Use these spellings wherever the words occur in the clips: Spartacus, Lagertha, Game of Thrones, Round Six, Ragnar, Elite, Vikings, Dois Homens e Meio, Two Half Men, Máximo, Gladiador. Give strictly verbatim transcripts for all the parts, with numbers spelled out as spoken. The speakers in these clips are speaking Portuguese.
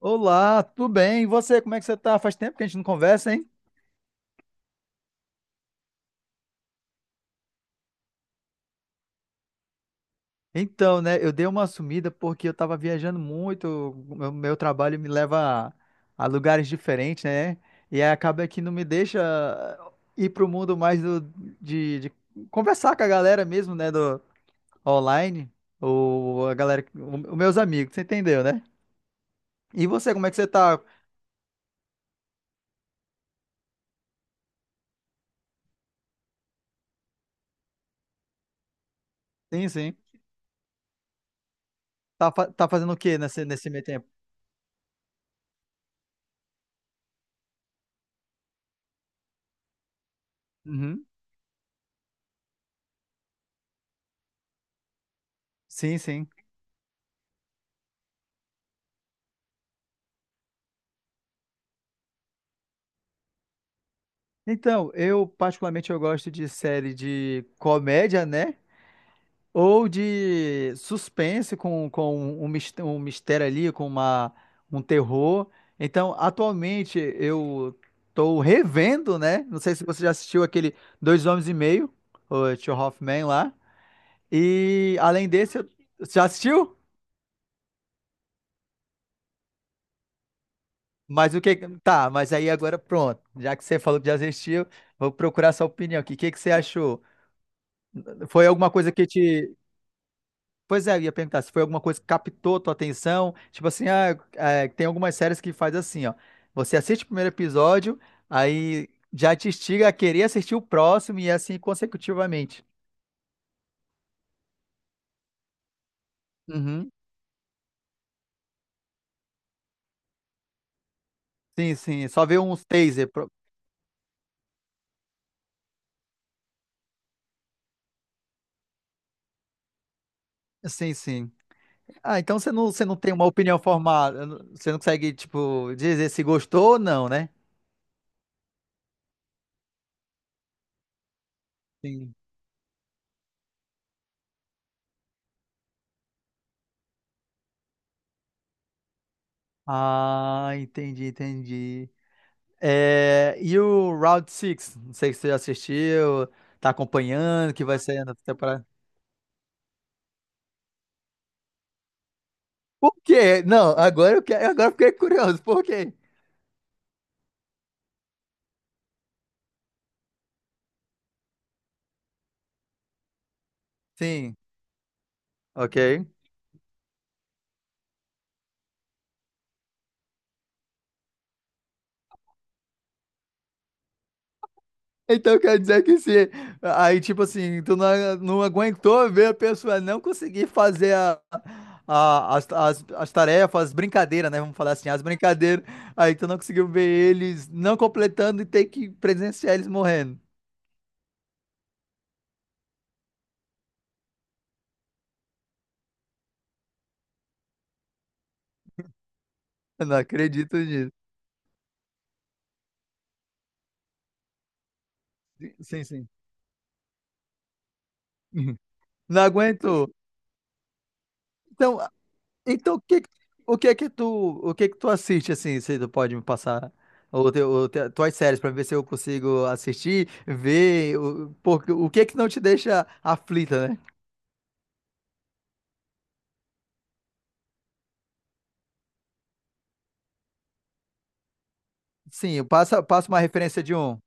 Olá, tudo bem? E você, como é que você tá? Faz tempo que a gente não conversa, hein? Então, né, eu dei uma sumida porque eu tava viajando muito, o meu, meu trabalho me leva a, a lugares diferentes, né? E aí acaba que não me deixa ah, ir pro mundo mais do, de, de conversar com a galera mesmo, né, do online, ou a galera, o- os meus amigos, você entendeu, né? E você, como é que você tá? Sim, sim. Tá, fa- tá fazendo o quê nesse, nesse meio tempo? Uhum. Sim, sim. Então, eu particularmente eu gosto de série de comédia, né? Ou de suspense com, com um, mis- um mistério ali, com uma, um terror. Então, atualmente eu tô revendo, né? Não sei se você já assistiu aquele Dois Homens e Meio, o Two Half Men lá. E além desse, eu- você já assistiu? Mas o que. Tá, mas aí agora pronto. Já que você falou que já assistiu, vou procurar sua opinião aqui. O que que você achou? Foi alguma coisa que te. Pois é, eu ia perguntar se foi alguma coisa que captou tua atenção. Tipo assim, ah, é, tem algumas séries que faz assim, ó. Você assiste o primeiro episódio, aí já te instiga a querer assistir o próximo e assim consecutivamente. Uhum. Sim, sim. Só vê uns taser. pro- Sim, sim. Ah, então você não, você não tem uma opinião formada. Você não consegue, tipo, dizer se gostou ou não, né? Sim. Ah, entendi, entendi. É, e o Round Six. Não sei se você já assistiu, tá acompanhando, que vai sair na temporada. Por quê? Não, agora eu quero, agora eu fiquei curioso. Por quê? Sim, ok. Então quer dizer que se aí tipo assim, tu não, não aguentou ver a pessoa não conseguir fazer a, a- as, as, as tarefas, as brincadeiras, né? Vamos falar assim, as brincadeiras. Aí tu não conseguiu ver eles não completando e ter que presenciar eles morrendo. Eu não acredito nisso. Sim, sim. Não aguentou. Então, então o que, o que é que tu, o que é que tu assiste assim, se tu pode me passar ou, te, ou te- tuas séries pra ver se eu consigo assistir, ver o, porque o que é que não te deixa aflita, né? Sim, passa, passa uma referência de um.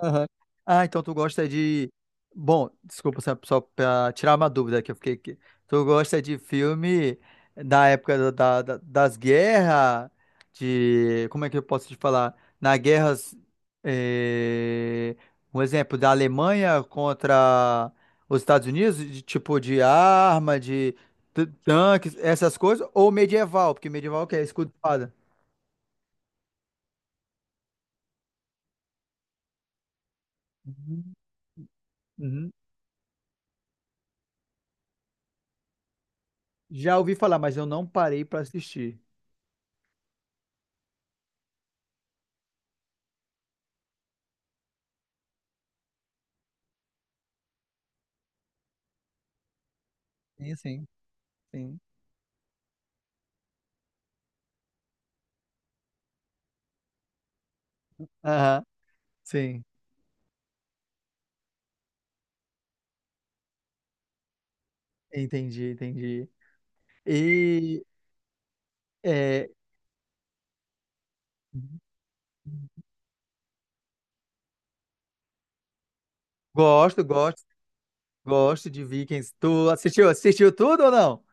Aham. Ah, então tu gosta de. Bom, desculpa, só só pra tirar uma dúvida que eu fiquei aqui. Tu gosta de filme da época da, da- das guerras, de. Como é que eu posso te falar? Na guerras. eh, Um exemplo, da Alemanha contra os Estados Unidos, de tipo de arma, de t- tanques, essas coisas, ou medieval, porque medieval o que é escudo e espada. Uhum. Uhum. Já ouvi falar, mas eu não parei pra assistir. Sim, sim. Sim. Aham. Sim. Entendi, entendi. E, é gosto, gosto, gosto de Vikings. Tu assistiu? Assistiu tudo ou não?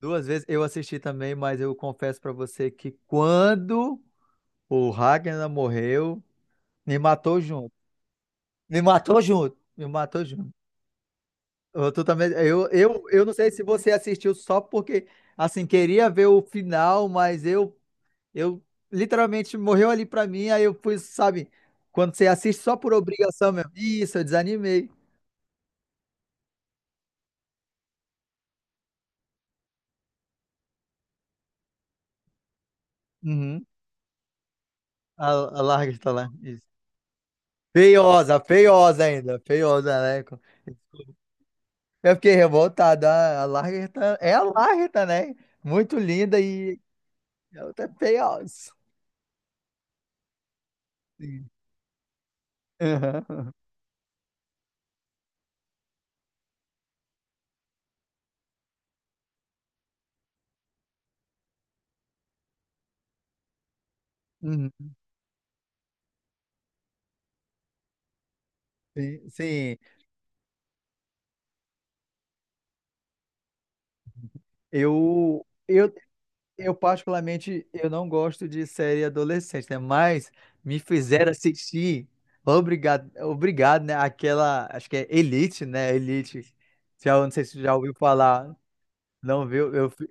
Duas vezes eu assisti também, mas eu confesso pra você que quando o Ragnar morreu, me matou junto. Me matou junto. Me matou junto. Eu, tu também, eu, eu, eu não sei se você assistiu só porque, assim, queria ver o final, mas eu Eu literalmente morreu ali pra mim, aí eu fui, sabe, quando você assiste só por obrigação mesmo. Isso, eu desanimei. Uhum. A, a Larga está lá. Isso. Feiosa, feiosa ainda, feiosa, né? Eu fiquei revoltado. A, a Lagertha é a Lagertha, né? Muito linda e ela tá feiosa. Sim. Aham, aham. Uhum. Sim, sim. Eu, eu Eu, particularmente, eu não gosto de série adolescente, né? Mas me fizeram assistir, obrigado, obrigado, né? Aquela, acho que é Elite, né? Elite. Já, não sei se você já ouviu falar, não viu? Eu, fi-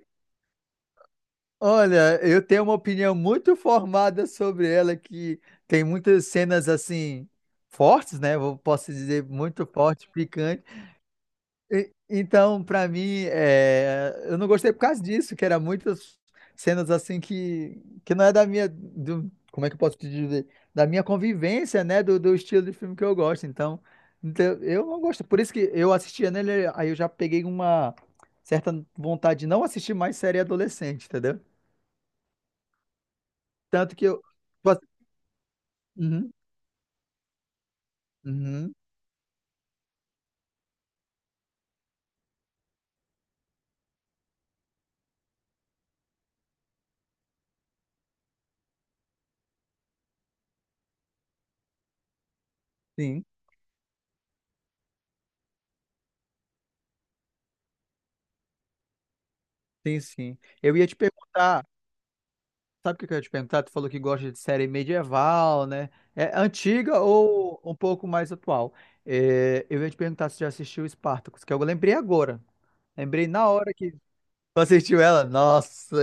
olha, eu tenho uma opinião muito formada sobre ela, que tem muitas cenas, assim, fortes, né? Eu posso dizer, muito fortes, e- então, pra mim, é, eu não gostei por causa disso, que era muitas cenas assim que, que não é da minha, do, como é que eu posso te dizer, da minha convivência, né, do, do estilo de filme que eu gosto. Então, então, eu não gosto. Por isso que eu assistia nele, aí eu já peguei uma certa vontade de não assistir mais série adolescente, entendeu? Tanto que eu. Uhum, uhum, sim, sim, sim. Eu ia te perguntar. Sabe o que que eu ia te perguntar? Tu falou que gosta de série medieval, né? É antiga ou um pouco mais atual? É, eu ia te perguntar se já assistiu Spartacus, que eu lembrei agora. Lembrei na hora que tu assistiu ela. Nossa!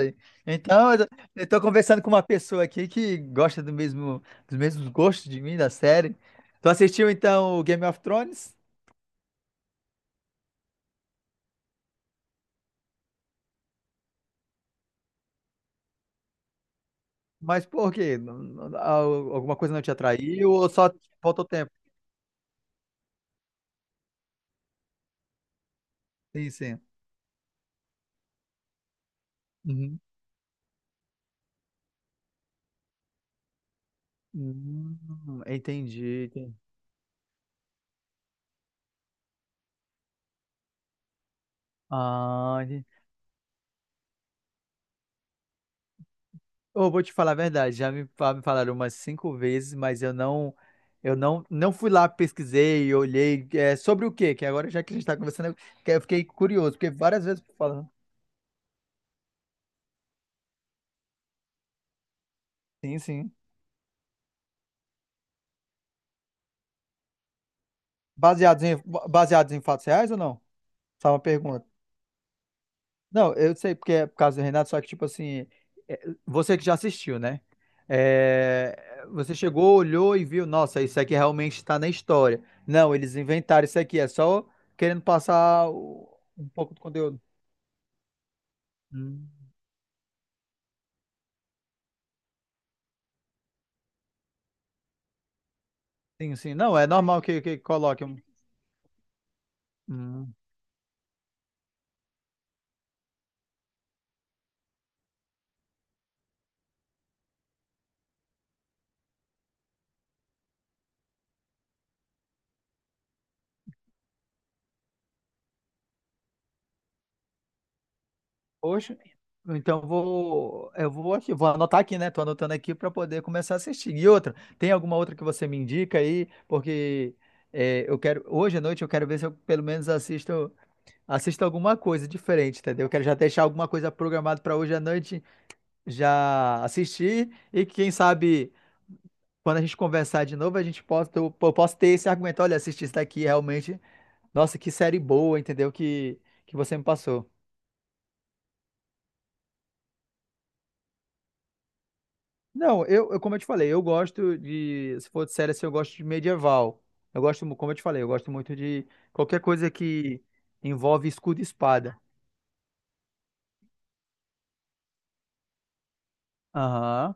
Então, eu eu tô conversando com uma pessoa aqui que gosta do mesmo, dos mesmos gostos de mim, da série. Tu assistiu, então, o Game of Thrones? Mas por quê? Não- não- al- Alguma coisa não te atraiu ou só faltou tempo? Sim, sim. Uhum. Hum, entendi, entendi. Ah, de- eu vou te falar a verdade, já me, fa- me falaram umas cinco vezes, mas eu não, eu não, não fui lá, pesquisei, olhei, é, sobre o quê? Que agora já que a gente está conversando, que eu fiquei curioso, porque várias vezes falando. Sim, sim. Baseados em, baseados em, fatos reais ou não? Só uma pergunta. Não, eu sei porque é por causa do Renato, só que, tipo assim, é, você que já assistiu, né? É, você chegou, olhou e viu, nossa, isso aqui realmente está na história. Não, eles inventaram isso aqui, é só querendo passar o- um pouco do conteúdo. Hum, sim, sim. Não, é normal que, que coloque um. Hum, poxa, então vou. Eu vou aqui, vou anotar aqui, né? Tô anotando aqui para poder começar a assistir. E outra, tem alguma outra que você me indica aí? Porque. É, eu quero, hoje à noite eu quero ver se eu pelo menos assisto assista alguma coisa diferente, entendeu? Eu quero já deixar alguma coisa programada para hoje à noite já assistir e quem sabe quando a gente conversar de novo a gente possa eu, eu posso ter esse argumento, olha, assisti isso daqui realmente, nossa, que série boa, entendeu? Que que você me passou. Não, eu, eu como eu te falei, eu gosto de, se for de série assim, eu gosto de medieval. Eu gosto, mu- como eu te falei, eu gosto muito de qualquer coisa que envolve escudo e espada. Aham.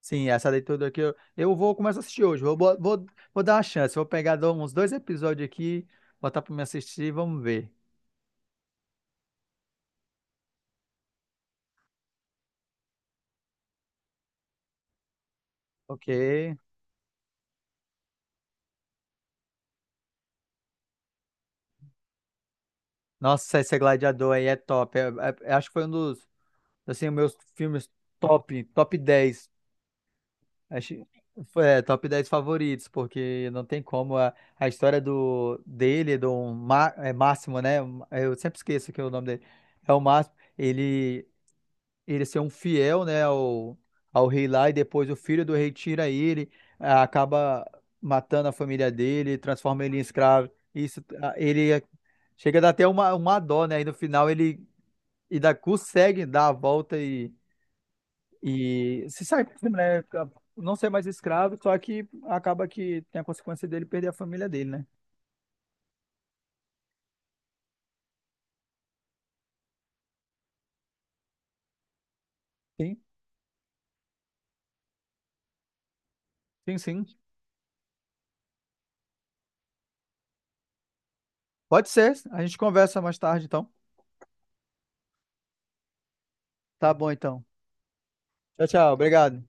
Sim, essa daí tudo aqui eu, eu vou começar a assistir hoje. Vou, bo- vou, vou dar uma chance. Vou pegar dou uns dois episódios aqui, botar pra me assistir e vamos ver. Ok. Nossa, esse Gladiador aí é top. É- é- é, acho que foi um dos, assim, meus filmes top, top dez. Acho, foi, é, top dez favoritos, porque não tem como. A, a história do, dele, do Ma- é, Máximo, né? Eu sempre esqueço que é o nome dele. É o Máximo. Ele. Ele ser um fiel, né, ao, ao rei lá, e depois o filho do rei tira ele, ah, acaba matando a família dele, transforma ele em escravo. Isso, ah, ele é- chega a dar até uma, uma dó, né? E no final ele e da, consegue dar a volta e, e se sai, por cima, né? fica- Não ser mais escravo, só que acaba que tem a consequência dele perder a família dele, né? Sim, sim, sim. Pode ser. A gente conversa mais tarde, então. Tá bom, então. Tchau, tchau. Obrigado.